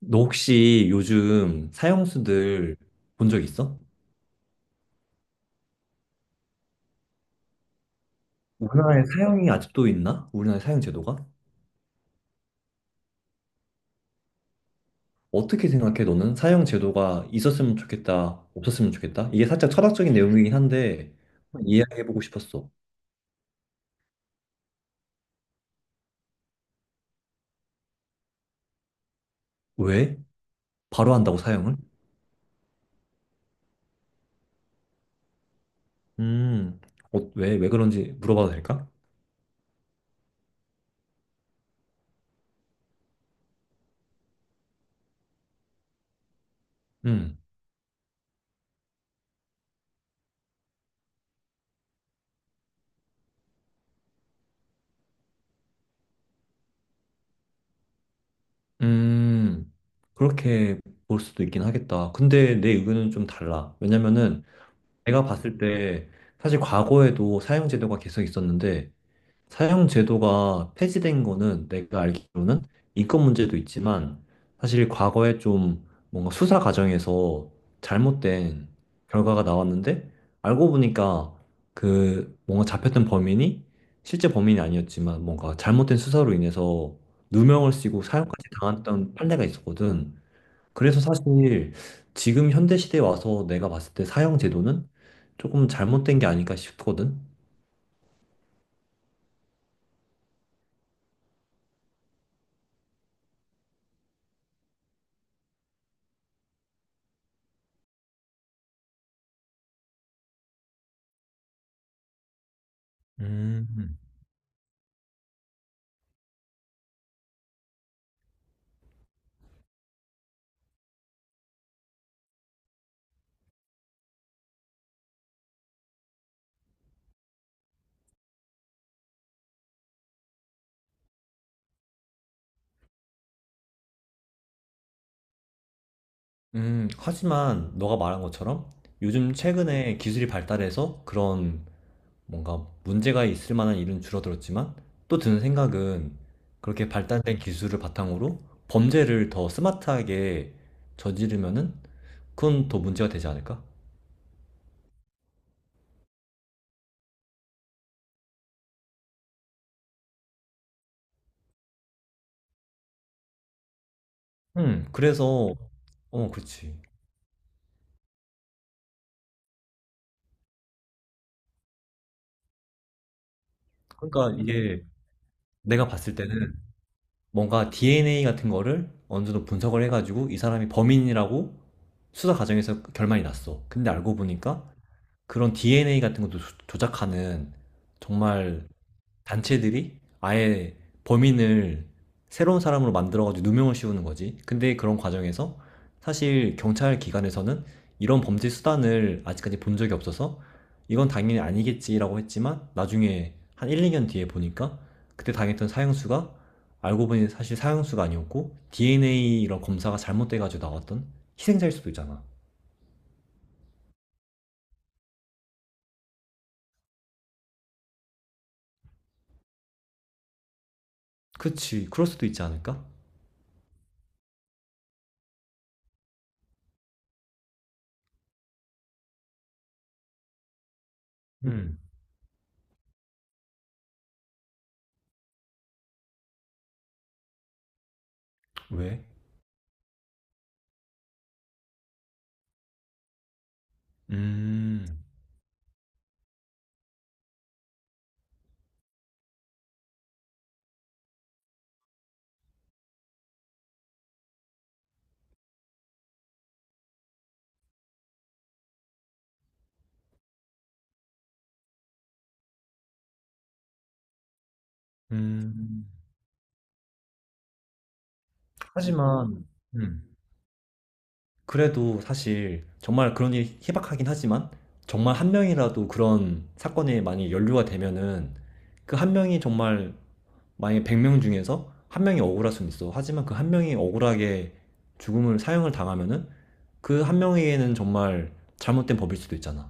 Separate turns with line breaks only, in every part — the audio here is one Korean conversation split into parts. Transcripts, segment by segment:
너 혹시 요즘 사형수들 본 적 있어? 우리나라에 사형이 아직도 있나? 우리나라에 사형 제도가? 어떻게 생각해? 너는 사형 제도가 있었으면 좋겠다, 없었으면 좋겠다? 이게 살짝 철학적인 내용이긴 한데 한번 이해해보고 싶었어. 왜? 바로 한다고 사형을? 음, 어, 왜 그런지 물어봐도 될까? 음, 음, 그렇게 볼 수도 있긴 하겠다. 근데 내 의견은 좀 달라. 왜냐면은 내가 봤을 때, 사실 과거에도 사형 제도가 계속 있었는데 사형 제도가 폐지된 거는, 내가 알기로는 인권 문제도 있지만 사실 과거에 좀 뭔가 수사 과정에서 잘못된 결과가 나왔는데 알고 보니까 그 뭔가 잡혔던 범인이 실제 범인이 아니었지만, 뭔가 잘못된 수사로 인해서 누명을 쓰고 사형까지 당했던 판례가 있었거든. 그래서 사실 지금 현대 시대에 와서 내가 봤을 때 사형 제도는 조금 잘못된 게 아닐까 싶거든. 음. 하지만 너가 말한 것처럼 요즘 최근에 기술이 발달해서 그런 뭔가 문제가 있을 만한 일은 줄어들었지만, 또 드는 생각은 그렇게 발달된 기술을 바탕으로 범죄를 더 스마트하게 저지르면은 그건 더 문제가 되지 않을까? 그래서 어, 그렇지. 그러니까 이게 내가 봤을 때는, 뭔가 DNA 같은 거를 어느 정도 분석을 해가지고 이 사람이 범인이라고 수사 과정에서 결말이 났어. 근데 알고 보니까 그런 DNA 같은 것도 조작하는 정말 단체들이 아예 범인을 새로운 사람으로 만들어가지고 누명을 씌우는 거지. 근데 그런 과정에서 사실 경찰 기관에서는 이런 범죄 수단을 아직까지 본 적이 없어서 이건 당연히 아니겠지라고 했지만, 나중에 한 1, 2년 뒤에 보니까 그때 당했던 사형수가, 알고 보니 사실 사형수가 아니었고 DNA 이런 검사가 잘못돼가지고 나왔던 희생자일 수도 있잖아. 그치, 그럴 수도 있지 않을까? 음, 왜? 음. 음. 하지만. 음. 그래도 사실 정말 그런 일이 희박하긴 하지만, 정말 한 명이라도 그런 사건에 만약에 연루가 되면은, 그 한 명이 정말, 만약에 100명 중에서 한 명이 억울할 수는 있어. 하지만 그 한 명이 억울하게 죽음을, 사형을 당하면은 그 한 명에게는 정말 잘못된 법일 수도 있잖아.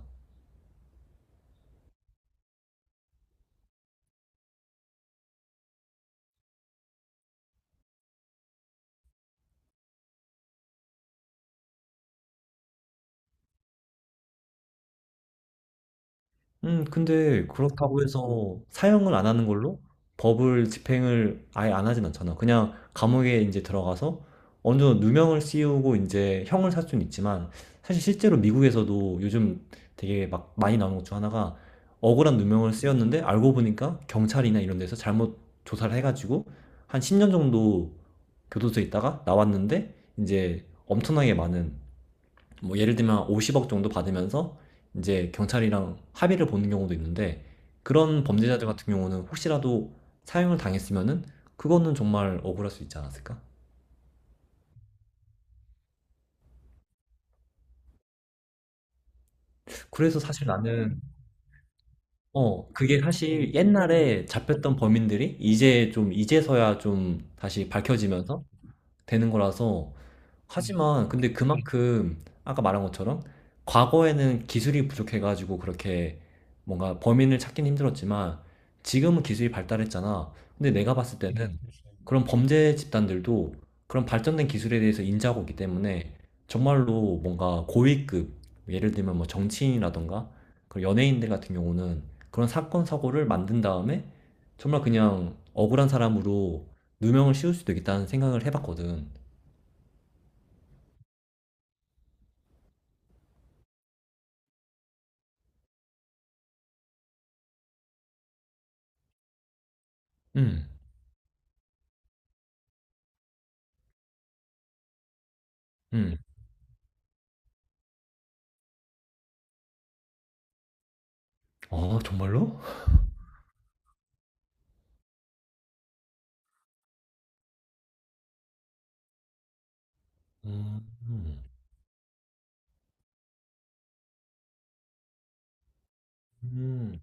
근데 그렇다고 해서 사형을 안 하는 걸로 법을 집행을 아예 안 하진 않잖아. 그냥 감옥에 이제 들어가서 어느 정도 누명을 씌우고 이제 형을 살 수는 있지만, 사실 실제로 미국에서도 요즘 되게 막 많이 나오는 것 중 하나가, 억울한 누명을 씌웠는데 알고 보니까 경찰이나 이런 데서 잘못 조사를 해가지고 한 10년 정도 교도소에 있다가 나왔는데 이제 엄청나게 많은, 뭐 예를 들면 50억 정도 받으면서 이제 경찰이랑 합의를 보는 경우도 있는데, 그런 범죄자들 같은 경우는 혹시라도 사형을 당했으면은 그거는 정말 억울할 수 있지 않았을까? 그래서 사실 나는, 그게 사실 옛날에 잡혔던 범인들이 이제 좀 이제서야 좀 다시 밝혀지면서 되는 거라서. 하지만 근데 그만큼 아까 말한 것처럼, 과거에는 기술이 부족해가지고 그렇게 뭔가 범인을 찾긴 힘들었지만 지금은 기술이 발달했잖아. 근데 내가 봤을 때는 그런 범죄 집단들도 그런 발전된 기술에 대해서 인지하고 있기 때문에, 정말로 뭔가 고위급, 예를 들면 뭐 정치인이라던가 그런 연예인들 같은 경우는, 그런 사건, 사고를 만든 다음에 정말 그냥 억울한 사람으로 누명을 씌울 수도 있겠다는 생각을 해봤거든. 음. 음. 아, 정말로? 음. 음. 음.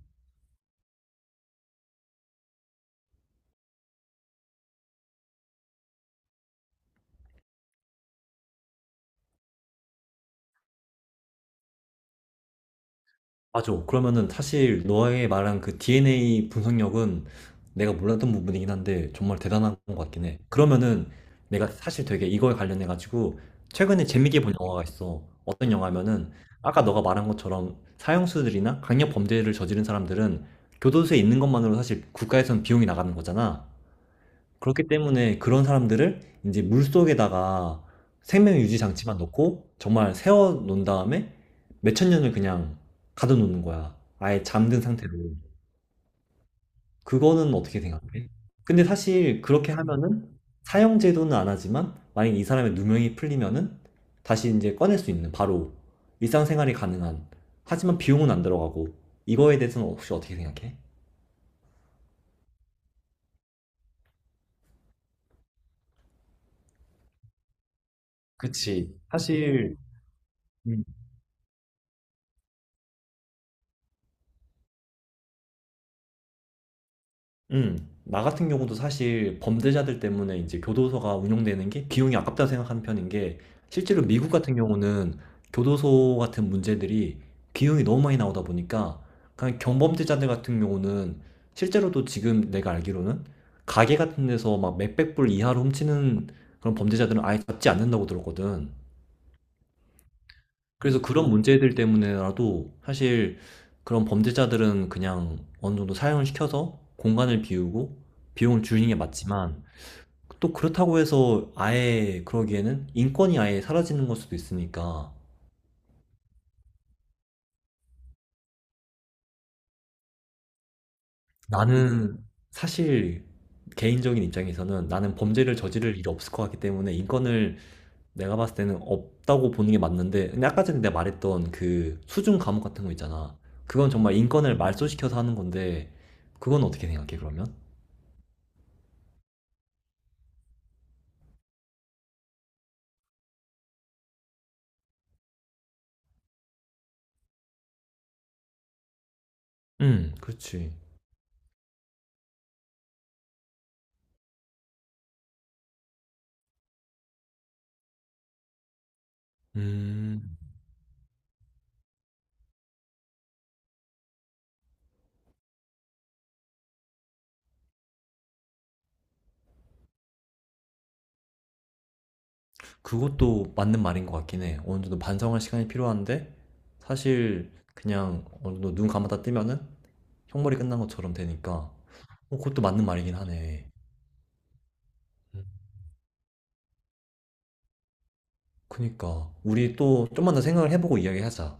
맞아. 그러면은, 사실 너의 말한 그 DNA 분석력은 내가 몰랐던 부분이긴 한데 정말 대단한 것 같긴 해. 그러면은, 내가 사실 되게 이거에 관련해 가지고 최근에 재밌게 본 영화가 있어. 어떤 영화면은, 아까 너가 말한 것처럼 사형수들이나 강력 범죄를 저지른 사람들은 교도소에 있는 것만으로 사실 국가에선 비용이 나가는 거잖아. 그렇기 때문에 그런 사람들을 이제 물속에다가 생명 유지 장치만 넣고 정말 세워 놓은 다음에 몇천 년을 그냥 가둬 놓는 거야. 아예 잠든 상태로. 그거는 어떻게 생각해? 근데 사실 그렇게 하면은 사형 제도는 안 하지만, 만약 이 사람의 누명이 풀리면은 다시 이제 꺼낼 수 있는, 바로 일상생활이 가능한, 하지만 비용은 안 들어가고. 이거에 대해서는 혹시 어떻게 생각해? 그치. 사실. 음. 나 같은 경우도 사실 범죄자들 때문에 이제 교도소가 운영되는 게 비용이 아깝다 생각하는 편인 게, 실제로 미국 같은 경우는 교도소 같은 문제들이 비용이 너무 많이 나오다 보니까 그냥 경범죄자들 같은 경우는, 실제로도 지금 내가 알기로는 가게 같은 데서 막 몇백 불 이하로 훔치는 그런 범죄자들은 아예 잡지 않는다고 들었거든. 그래서 그런 문제들 때문에라도 사실 그런 범죄자들은 그냥 어느 정도 사형을 시켜서 공간을 비우고 비용을 줄이는 게 맞지만, 또 그렇다고 해서 아예 그러기에는 인권이 아예 사라지는 걸 수도 있으니까. 나는 사실, 개인적인 입장에서는 나는 범죄를 저지를 일이 없을 것 같기 때문에 인권을 내가 봤을 때는 없다고 보는 게 맞는데, 근데 아까 전에 내가 말했던 그 수중 감옥 같은 거 있잖아. 그건 정말 인권을 말소시켜서 하는 건데, 그건 어떻게 생각해 그러면? 그렇지. 음. 그것도 맞는 말인 것 같긴 해. 어느 정도 반성할 시간이 필요한데 사실 그냥 어느 정도 눈 감았다 뜨면은 형벌이 끝난 것처럼 되니까, 그것도 맞는 말이긴 하네. 그니까 우리 또 좀만 더 생각을 해보고 이야기하자.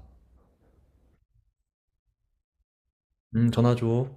전화 줘.